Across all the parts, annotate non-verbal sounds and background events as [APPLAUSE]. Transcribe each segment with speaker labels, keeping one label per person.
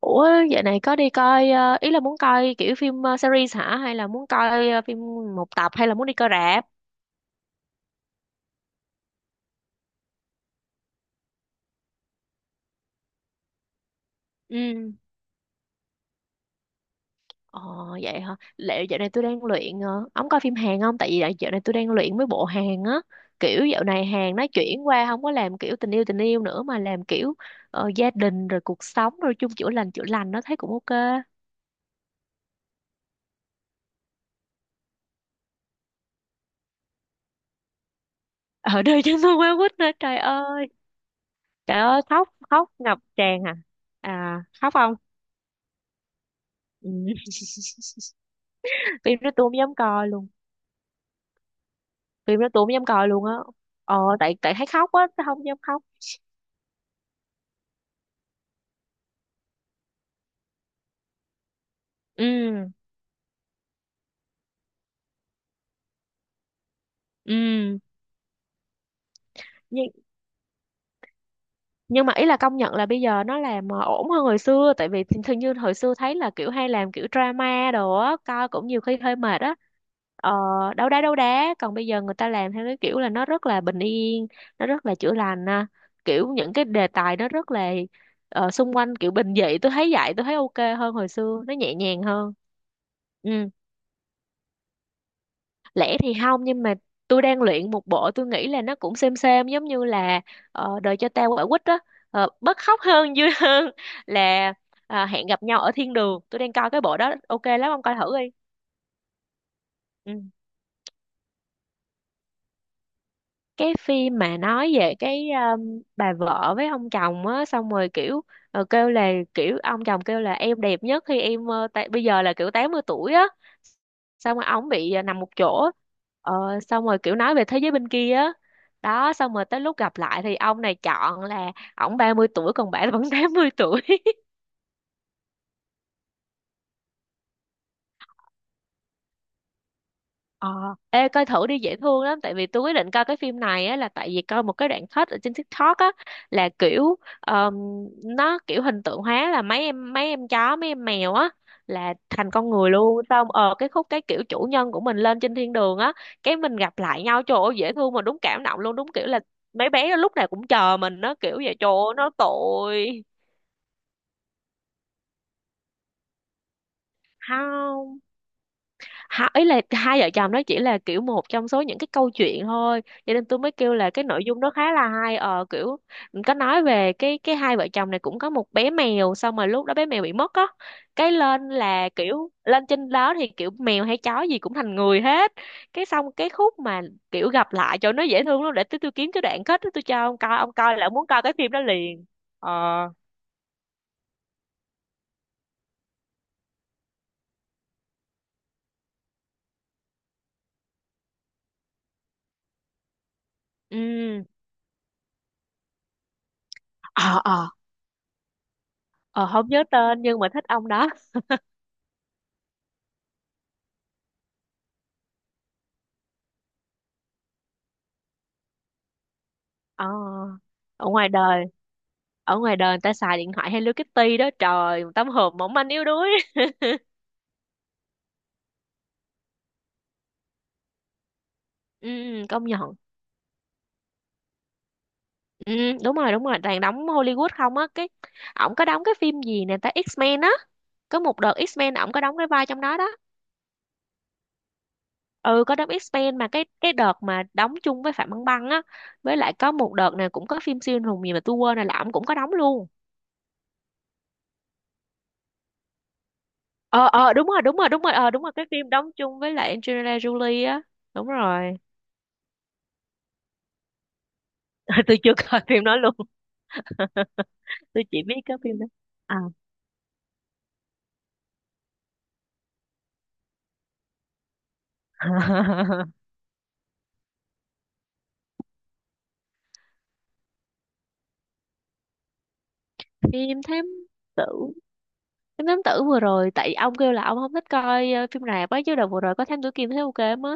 Speaker 1: Ủa, dạo này có đi coi, ý là muốn coi kiểu phim, series hả, hay là muốn coi phim một tập, hay là muốn đi coi rạp? Ừ. Ờ, vậy hả? Liệu dạo này tôi đang luyện, ông coi phim Hàn không? Tại vì dạo dạo này tôi đang luyện mấy bộ Hàn á. Kiểu dạo này Hàn nó chuyển qua không có làm kiểu tình yêu nữa, mà làm kiểu gia đình rồi cuộc sống rồi chung chữa lành chữa lành, nó thấy cũng ok. [LAUGHS] Ở đây chúng tôi quá quýt nữa trời ơi. Trời ơi, khóc khóc ngập tràn à. À, khóc không? Ừ. Phim đó tôi không dám coi luôn, phim đó tôi không dám coi luôn á. Ờ, tại tại thấy khóc á tôi không dám khóc. Ừ, ừ, nhưng nhưng mà ý là công nhận là bây giờ nó làm ổn hơn hồi xưa, tại vì thường thường như hồi xưa thấy là kiểu hay làm kiểu drama đồ á, coi cũng nhiều khi hơi mệt á. ờ Đấu đá đấu đá, còn bây giờ người ta làm theo cái kiểu là nó rất là bình yên, nó rất là chữa lành à. Kiểu những cái đề tài nó rất là xung quanh kiểu bình dị, tôi thấy vậy, tôi thấy ok hơn hồi xưa, nó nhẹ nhàng hơn. Ừ, lẻ thì không, nhưng mà tôi đang luyện một bộ, tôi nghĩ là nó cũng xem giống như là đời cho tao quả quýt đó, bớt khóc hơn, vui [LAUGHS] hơn là à, hẹn gặp nhau ở thiên đường. Tôi đang coi cái bộ đó, ok lắm, ông coi thử đi. Ừ. Cái phim mà nói về cái bà vợ với ông chồng á, xong rồi kiểu kêu là kiểu ông chồng kêu là em đẹp nhất khi em, bây giờ là kiểu 80 tuổi á, xong rồi ổng bị nằm một chỗ, ờ, xong rồi kiểu nói về thế giới bên kia á. Đó, xong rồi tới lúc gặp lại thì ông này chọn là ổng 30 tuổi, còn bà vẫn 80 tuổi. Ờ, ê coi thử đi, dễ thương lắm. Tại vì tôi quyết định coi cái phim này á là tại vì coi một cái đoạn cut ở trên TikTok á, là kiểu nó kiểu hình tượng hóa là mấy em, mấy em chó mấy em mèo á, là thành con người luôn. Xong cái khúc cái kiểu chủ nhân của mình lên trên thiên đường á, cái mình gặp lại nhau, trời ơi dễ thương mà đúng cảm động luôn, đúng kiểu là mấy bé nó lúc nào cũng chờ mình, nó kiểu vậy, trời ơi nó tội. Không, ý là hai vợ chồng nó chỉ là kiểu một trong số những cái câu chuyện thôi, cho nên tôi mới kêu là cái nội dung nó khá là hay. Ờ Kiểu có nói về cái hai vợ chồng này cũng có một bé mèo, xong rồi lúc đó bé mèo bị mất á, cái lên là kiểu lên trên đó thì kiểu mèo hay chó gì cũng thành người hết. Cái xong cái khúc mà kiểu gặp lại cho nó dễ thương lắm. Để tôi kiếm cái đoạn kết đó tôi cho ông coi, ông coi là muốn coi cái phim đó liền. Ờ, ừ, ờ, ờ, ờ không nhớ tên nhưng mà thích ông đó. Ờ, ở ngoài đời, ở ngoài đời người ta xài điện thoại Hello Kitty đó, trời, một tấm hộp mỏng manh yếu đuối. [LAUGHS] Ừ, ừ, công nhận. Ừ, đúng rồi đúng rồi, toàn đóng Hollywood không á. Cái ổng có đóng cái phim gì nè ta, X-Men á, có một đợt X-Men ổng có đóng cái vai trong đó đó. Ừ, có đóng X-Men mà cái đợt mà đóng chung với Phạm Băng Băng á. Với lại có một đợt này cũng có phim siêu anh hùng gì mà tôi quên rồi, là ổng cũng có đóng luôn. Ờ Đúng rồi, đúng rồi, đúng rồi, đúng rồi, cái phim đóng chung với lại Angelina Jolie á. Đúng rồi. [LAUGHS] Tôi chưa coi phim đó luôn. [LAUGHS] Tôi chỉ biết cái phim đó. Ờ. [LAUGHS] Phim thám tử, phim thám tử vừa rồi, tại ông kêu là ông không thích coi phim rạp á, chứ đợt vừa rồi có thám tử Kiên thấy ok lắm á.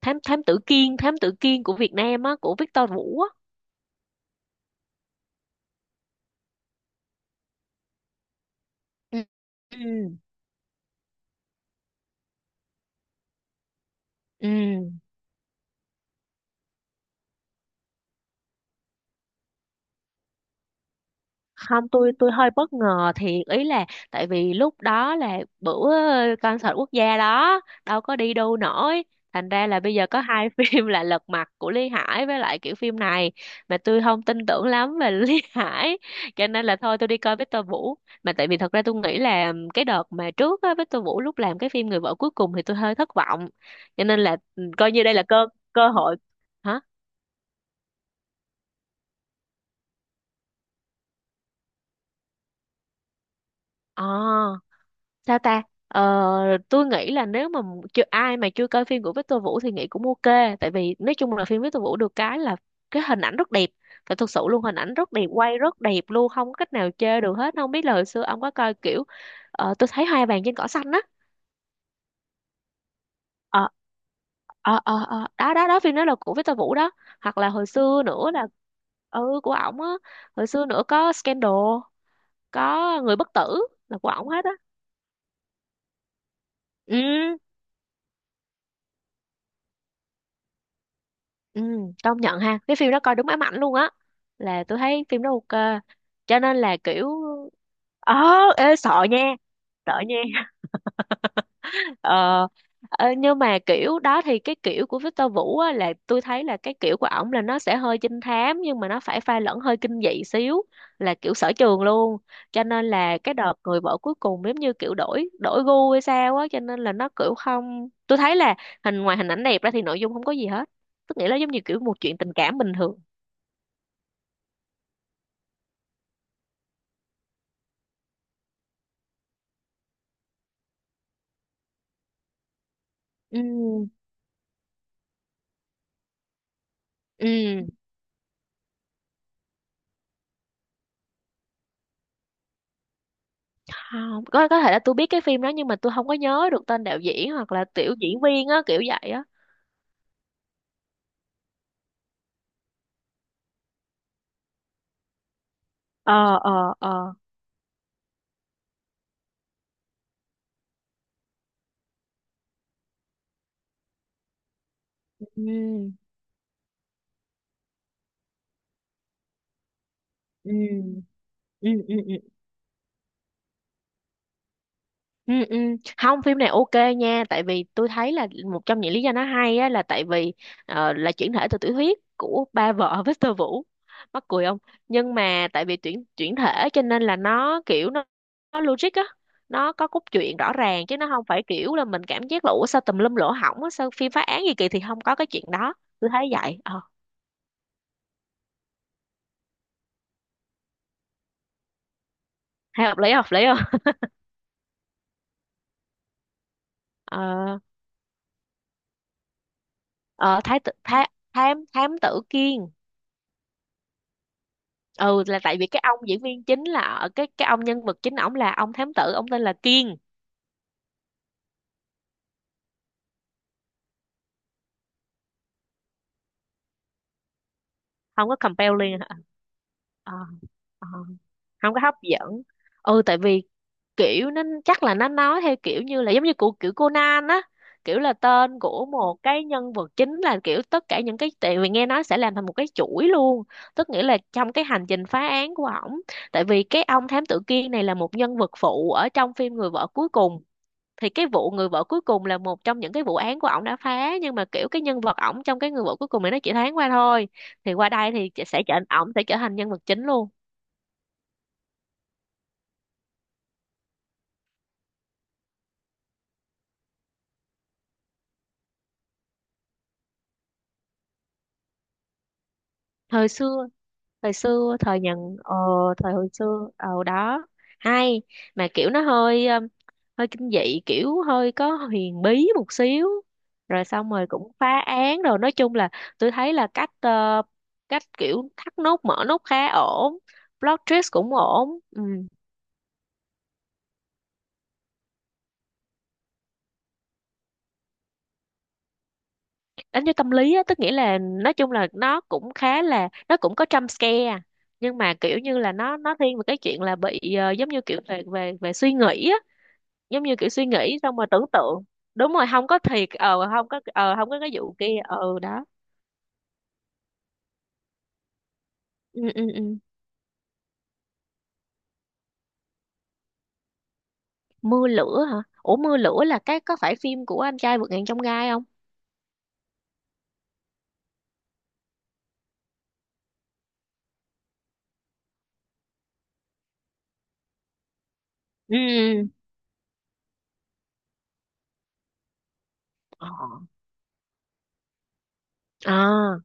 Speaker 1: Thám Thám tử Kiên, thám tử Kiên của Việt Nam á, của Victor Vũ á. Ừ, ừ, ừ. Không, tôi, tôi hơi bất ngờ thiệt. Ý là tại vì lúc đó là bữa concert quốc gia đó, đâu có đi đâu nổi, thành ra là bây giờ có hai [LAUGHS] phim là Lật Mặt của Lý Hải với lại kiểu phim này, mà tôi không tin tưởng lắm về [LAUGHS] Lý Hải, cho nên là thôi tôi đi coi Victor Vũ. Mà tại vì thật ra tôi nghĩ là cái đợt mà trước á, Victor Vũ lúc làm cái phim Người vợ cuối cùng thì tôi hơi thất vọng, cho nên là ừ, coi như đây là cơ, cơ hội. Hả? À sao ta, tôi nghĩ là nếu mà chưa, ai mà chưa coi phim của Victor Vũ thì nghĩ cũng ok, tại vì nói chung là phim Victor Vũ được cái là cái hình ảnh rất đẹp. Phải, thực sự luôn, hình ảnh rất đẹp, quay rất đẹp luôn, không có cách nào chê được hết. Không biết là hồi xưa ông có coi kiểu tôi thấy hoa vàng trên cỏ xanh á. Ờ, đó đó đó, phim đó là của Victor Vũ đó, hoặc là hồi xưa nữa là, ừ, của ổng á. Hồi xưa nữa có Scandal, có Người bất tử, là của ổng hết á. Ừ. Ừ, công nhận ha, cái phim đó coi đúng ám ảnh luôn á, là tôi thấy phim đó ok, cho nên là kiểu ờ ê sợ nha, sợ nha. [LAUGHS] Ờ, ờ, nhưng mà kiểu đó thì cái kiểu của Victor Vũ á, là tôi thấy là cái kiểu của ổng là nó sẽ hơi trinh thám nhưng mà nó phải pha lẫn hơi kinh dị xíu, là kiểu sở trường luôn. Cho nên là cái đợt người vợ cuối cùng giống như kiểu đổi đổi gu hay sao á, cho nên là nó kiểu không, tôi thấy là hình, ngoài hình ảnh đẹp ra thì nội dung không có gì hết, tức nghĩa là giống như kiểu một chuyện tình cảm bình thường. Ừ, ừ, không, có có thể là tôi biết cái phim đó nhưng mà tôi không có nhớ được tên đạo diễn hoặc là tiểu diễn viên á, kiểu vậy á. ờ ờ ờ ừ, ừ, ừ, ừ, ừ. Ừ, ừ. Không, phim này ok nha, tại vì tôi thấy là một trong những lý do nó hay á, là tại vì là chuyển thể từ tiểu thuyết của ba vợ [LAUGHS] Victor Vũ, mắc cười không. Nhưng mà tại vì chuyển chuyển thể cho nên là nó kiểu nó logic á, nó có cốt truyện rõ ràng, chứ nó không phải kiểu là mình cảm giác là ủa sao tùm lum lỗ hổng á, sao phim phá án gì kỳ, thì không có cái chuyện đó. Tôi thấy vậy. Ờ, hay, hợp lý, hợp lý không. [LAUGHS] Ờ, ờ, thái tử, thám thám thám tử Kiên. Ừ, là tại vì cái ông diễn viên chính, là ở cái ông nhân vật chính ổng là ông thám tử, ông tên là Kiên. Không có compelling hả? Ờ, ờ, ờ, không có hấp dẫn. Ừ, tại vì kiểu nó chắc là nó nói theo kiểu như là giống như của kiểu Conan á, kiểu là tên của một cái nhân vật chính là kiểu tất cả những cái, tại vì nghe nói sẽ làm thành một cái chuỗi luôn, tức nghĩa là trong cái hành trình phá án của ổng. Tại vì cái ông thám tử Kiên này là một nhân vật phụ ở trong phim Người vợ cuối cùng, thì cái vụ người vợ cuối cùng là một trong những cái vụ án của ổng đã phá, nhưng mà kiểu cái nhân vật ổng trong cái người vợ cuối cùng này nó chỉ thoáng qua thôi, thì qua đây thì chị sẽ trở, ổng sẽ trở thành nhân vật chính luôn. Thời xưa, thời xưa, thời nhận, ờ, thời hồi xưa, đó, hay mà kiểu nó hơi hơi kinh dị, kiểu hơi có huyền bí một xíu. Rồi xong rồi cũng phá án, rồi nói chung là tôi thấy là cách cách kiểu thắt nút mở nút khá ổn, plot twist cũng ổn. Ừ. Đánh vô tâm lý á, tức nghĩa là nói chung là nó cũng khá là, nó cũng có jump scare, nhưng mà kiểu như là nó thiên về cái chuyện là bị giống như kiểu về về về suy nghĩ á, giống như kiểu suy nghĩ xong rồi tưởng tượng. Đúng rồi, không có thiệt, không có, không có cái vụ kia, đó. Ừ, ừ, ừ. Mưa lửa hả? Ủa, mưa lửa là cái, có phải phim của anh trai vượt ngàn chông gai không? Ừ, ừ. Ờ, à,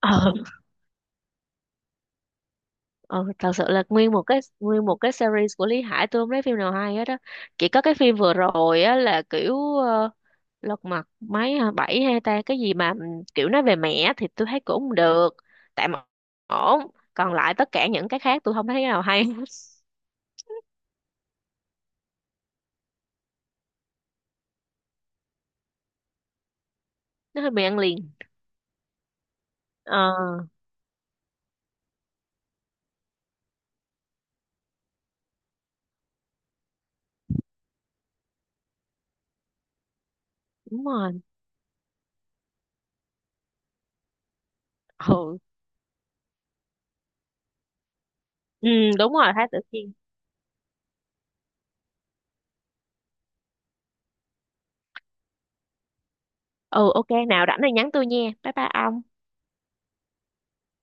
Speaker 1: ờ, Ừ, thật sự là nguyên một cái series của Lý Hải tôi không thấy phim nào hay hết á, chỉ có cái phim vừa rồi á là kiểu lật mặt mấy hả, bảy hay ta, cái gì mà ừ, kiểu nói về mẹ, thì tôi thấy cũng không được, tạm ổn. Còn lại tất cả những cái khác tôi không thấy cái nào hay hết. [LAUGHS] Nó hơi bị ăn liền. Ờ, đúng rồi. Ừ, ừ, đúng rồi, Thái Tử Kiên. Ừ, ok, nào rảnh thì nhắn tôi nha, bye bye ông.